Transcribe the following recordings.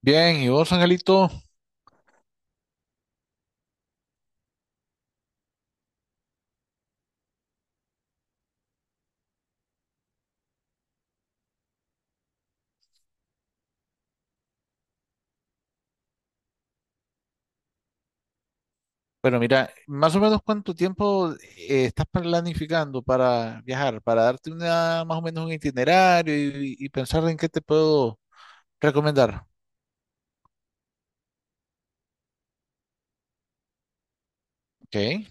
Bien, ¿y vos, Angelito? Bueno, mira, más o menos cuánto tiempo estás planificando para viajar, para darte una, más o menos un itinerario y pensar en qué te puedo recomendar. Ok,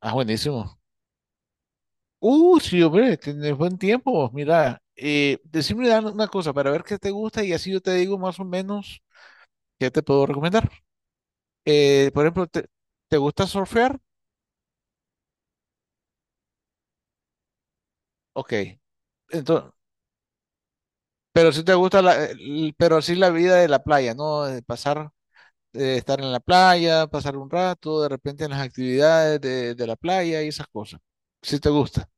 ah, buenísimo. Sí, hombre, tienes buen tiempo. Vos, mira, decime una cosa para ver qué te gusta y así yo te digo más o menos qué te puedo recomendar. Por ejemplo, ¿te gusta surfear? Ok, entonces, pero si te gusta la, pero sí la vida de la playa, ¿no? De pasar estar en la playa, pasar un rato, de repente en las actividades de la playa y esas cosas. Si te gusta.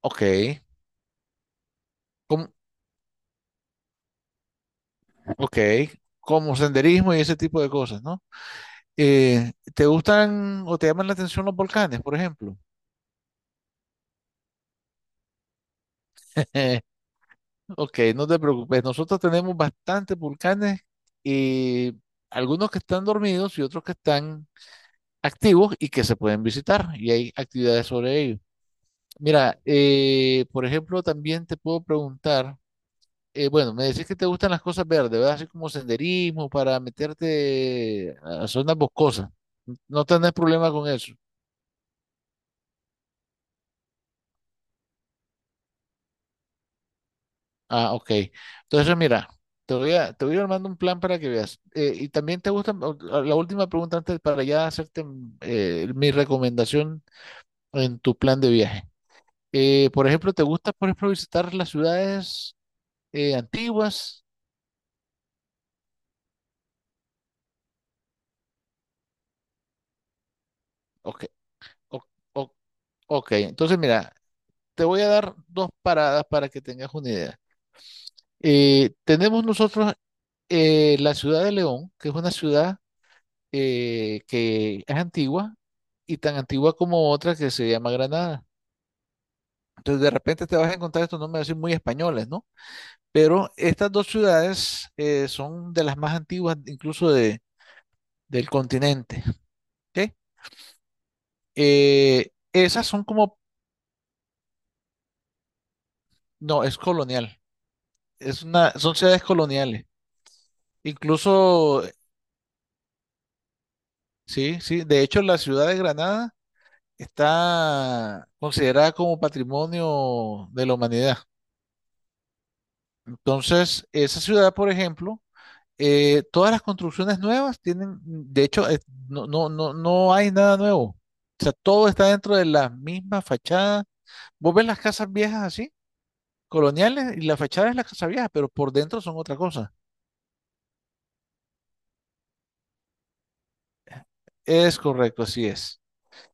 Ok. Como, ok. Como senderismo y ese tipo de cosas, ¿no? ¿Te gustan o te llaman la atención los volcanes, por ejemplo? Eh, Ok, no te preocupes. Nosotros tenemos bastantes volcanes y algunos que están dormidos y otros que están activos y que se pueden visitar y hay actividades sobre ellos. Mira, por ejemplo, también te puedo preguntar bueno, me decís que te gustan las cosas verdes, ¿verdad? Así como senderismo para meterte a zonas boscosas. No tenés problema con eso. Ah, ok. Entonces, mira, te voy a ir armando un plan para que veas. Y también te gusta, o la última pregunta antes para ya hacerte mi recomendación en tu plan de viaje. Por ejemplo, ¿te gusta, por ejemplo, visitar las ciudades antiguas? Ok, o- o- ok. Entonces, mira, te voy a dar dos paradas para que tengas una idea. Tenemos nosotros la ciudad de León, que es una ciudad que es antigua y tan antigua como otra que se llama Granada. Entonces, de repente te vas a encontrar estos nombres así muy españoles, ¿no? Pero estas dos ciudades son de las más antiguas, incluso del continente. ¿Ok? Esas son como, no, es colonial. Es una, son ciudades coloniales. Incluso, sí, sí. De hecho, la ciudad de Granada está considerada como patrimonio de la humanidad. Entonces, esa ciudad, por ejemplo, todas las construcciones nuevas tienen, de hecho, no, no, no, no hay nada nuevo. O sea, todo está dentro de las mismas fachadas. Vos ves las casas viejas así, coloniales, y la fachada es la casa vieja, pero por dentro son otra cosa. Es correcto, así es.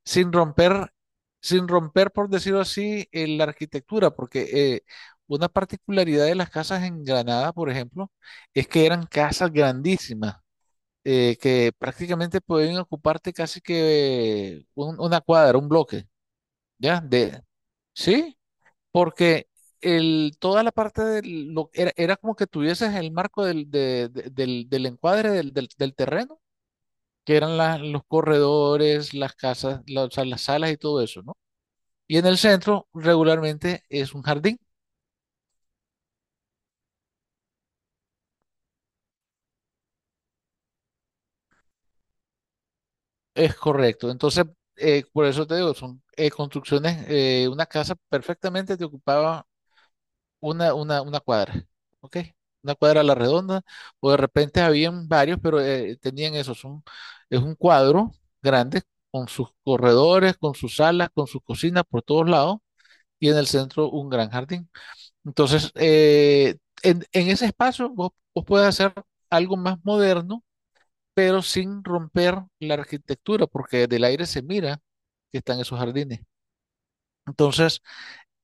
sin romper, Sin romper, por decirlo así, la arquitectura, porque eh, una particularidad de las casas en Granada, por ejemplo, es que eran casas grandísimas, que prácticamente podían ocuparte casi que una cuadra, un bloque, ¿ya? De, sí, porque el, toda la parte de lo era, era como que tuvieses el marco del del encuadre del terreno, que eran los corredores, las casas, o sea, las salas y todo eso, ¿no? Y en el centro regularmente es un jardín. Es correcto. Entonces, por eso te digo, son construcciones, una casa perfectamente te ocupaba una cuadra, ¿ok? Una cuadra a la redonda, o de repente habían varios, pero tenían eso, son, es un cuadro grande con sus corredores, con sus salas, con sus cocinas por todos lados, y en el centro un gran jardín. Entonces, en ese espacio vos puedes hacer algo más moderno pero sin romper la arquitectura, porque del aire se mira que están esos jardines. Entonces,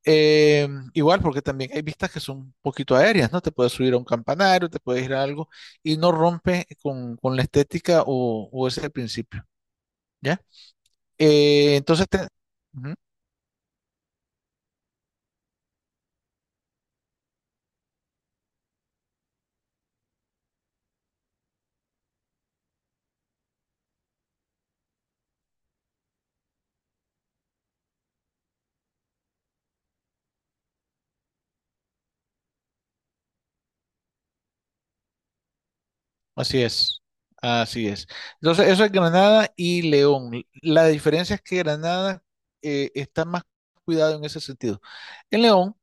igual, porque también hay vistas que son un poquito aéreas, ¿no? Te puedes subir a un campanario, te puedes ir a algo, y no rompe con la estética o ese principio, ¿ya? Entonces, ujú. Así es, así es. Entonces, eso es Granada y León. La diferencia es que Granada está más cuidado en ese sentido. En León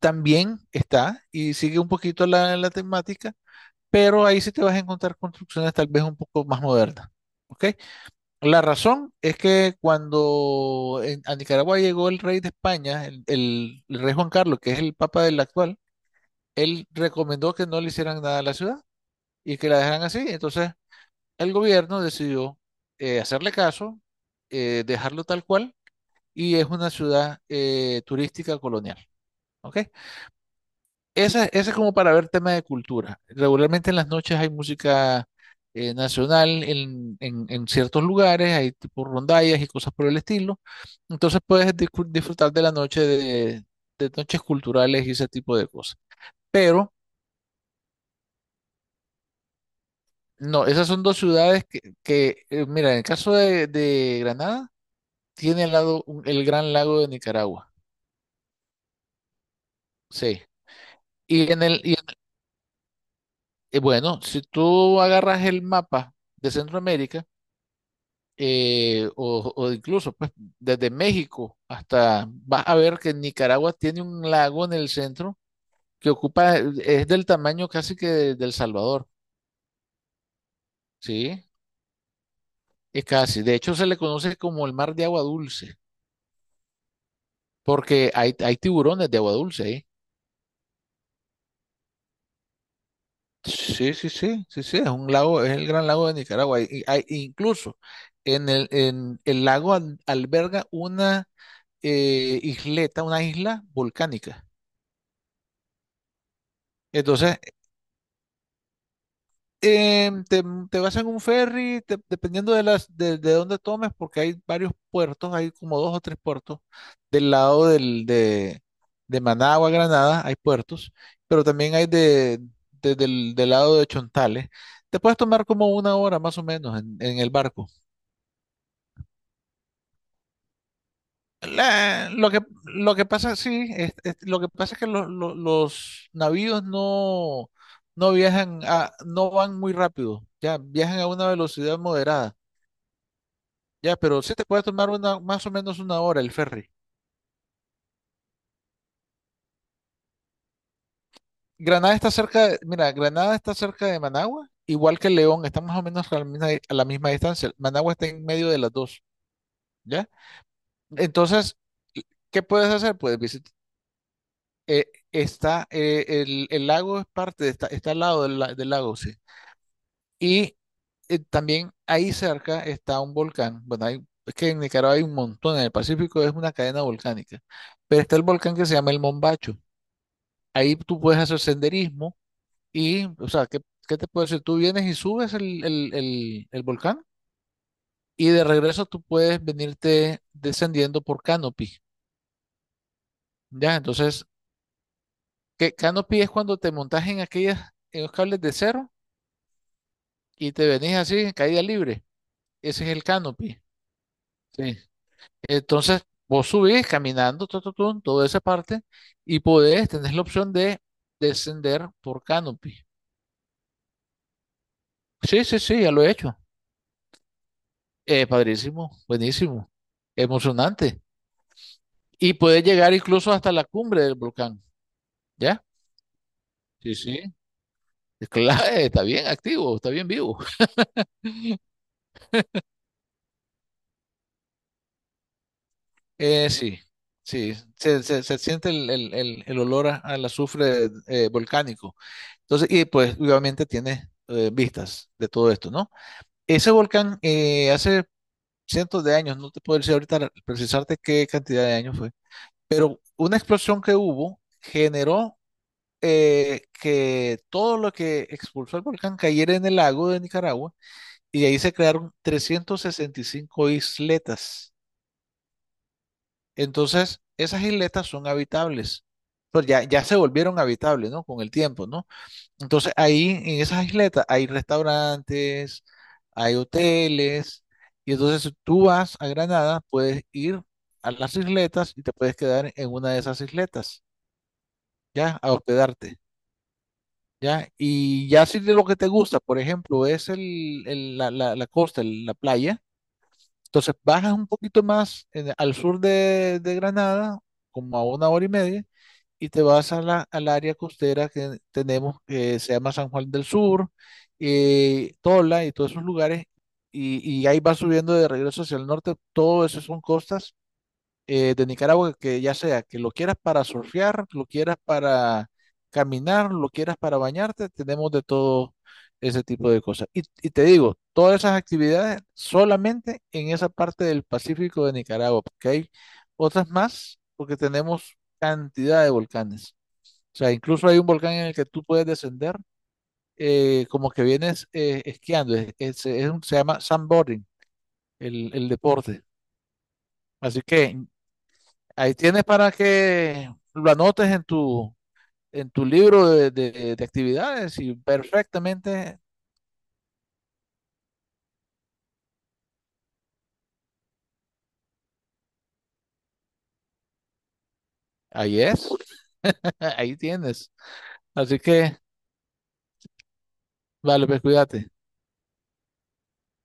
también está y sigue un poquito la temática, pero ahí sí te vas a encontrar construcciones tal vez un poco más modernas. ¿Ok? La razón es que cuando a Nicaragua llegó el rey de España, el rey Juan Carlos, que es el papa del actual, él recomendó que no le hicieran nada a la ciudad y que la dejaran así. Entonces, el gobierno decidió hacerle caso, dejarlo tal cual, y es una ciudad turística colonial. ¿Ok? Esa es como para ver tema de cultura. Regularmente en las noches hay música nacional en, en ciertos lugares, hay tipo rondallas y cosas por el estilo. Entonces puedes disfrutar de la noche de noches culturales y ese tipo de cosas. Pero no, esas son dos ciudades que, mira, en el caso de Granada, tiene al lado el Gran Lago de Nicaragua. Sí. Y en el, y en- bueno, si tú agarras el mapa de Centroamérica, o incluso pues, desde México hasta, vas a ver que Nicaragua tiene un lago en el centro que ocupa, es del tamaño casi que del Salvador, ¿sí? Es casi. De hecho, se le conoce como el mar de agua dulce, porque hay tiburones de agua dulce ahí. Sí, sí, sí, sí, sí, es un lago, es el gran lago de Nicaragua. Y hay, incluso en el lago alberga una isleta, una isla volcánica. Entonces, em, te, te vas en un ferry, dependiendo de las, de dónde tomes, porque hay varios puertos, hay como dos o tres puertos del lado de Managua, Granada, hay puertos, pero también hay del lado de Chontales. Te puedes tomar como una hora más o menos en el barco. La- lo que, lo que pasa, sí, lo que pasa es que los navíos no, no viajan, no van muy rápido, ya, viajan a una velocidad moderada, ya, pero sí te puede tomar una, más o menos una hora el ferry. Granada está cerca, mira, Granada está cerca de Managua, igual que León, está más o menos a la misma distancia. Managua está en medio de las dos, ¿ya? Entonces, ¿qué puedes hacer? Puedes visitar, eh, está, el lago es parte, está, está al lado del, del lago, sí. Y también ahí cerca está un volcán. Bueno, es que en Nicaragua hay un montón, en el Pacífico es una cadena volcánica, pero está el volcán que se llama el Mombacho. Ahí tú puedes hacer senderismo y, o sea, qué te puedo decir? Tú vienes y subes el volcán y de regreso tú puedes venirte descendiendo por canopy. Ya, entonces, qué canopy es cuando te montas en aquellas, en los cables de cero y te venís así, en caída libre. Ese es el canopy. Sí. Entonces, vos subís caminando toda esa parte y podés, tenés la opción de descender por canopy. Sí, sí, sí, ya lo he hecho. Padrísimo, buenísimo, emocionante. Y puedes llegar incluso hasta la cumbre del volcán, ¿ya? Sí, sí. Claro, está bien activo, está bien vivo. Sí, sí, se siente el olor al azufre volcánico. Entonces, y pues obviamente tiene vistas de todo esto, ¿no? Ese volcán hace cientos de años, no te puedo decir ahorita precisarte qué cantidad de años fue, pero una explosión que hubo generó que todo lo que expulsó el volcán cayera en el lago de Nicaragua y ahí se crearon 365 isletas. Entonces, esas isletas son habitables, pues ya, ya se volvieron habitables, ¿no? Con el tiempo, ¿no? Entonces ahí en esas isletas hay restaurantes, hay hoteles, y entonces si tú vas a Granada, puedes ir a las isletas y te puedes quedar en una de esas isletas, ya, a hospedarte, ya. Y ya si de lo que te gusta, por ejemplo, es la costa, la playa, entonces bajas un poquito más al sur de Granada, como a una hora y media, y te vas a la, al área costera que tenemos, que se llama San Juan del Sur, Tola y todos esos lugares, y ahí vas subiendo de regreso hacia el norte, todo eso son costas, de Nicaragua que ya sea que lo quieras para surfear, lo quieras para caminar, lo quieras para bañarte, tenemos de todo ese tipo de cosas. Y te digo, todas esas actividades solamente en esa parte del Pacífico de Nicaragua, porque hay otras más, porque tenemos cantidad de volcanes. O sea, incluso hay un volcán en el que tú puedes descender como que vienes esquiando. Se llama sandboarding, el deporte. Así que ahí tienes para que lo anotes en en tu libro de actividades y perfectamente ahí es. Ahí tienes. Así que, vale, pues cuídate.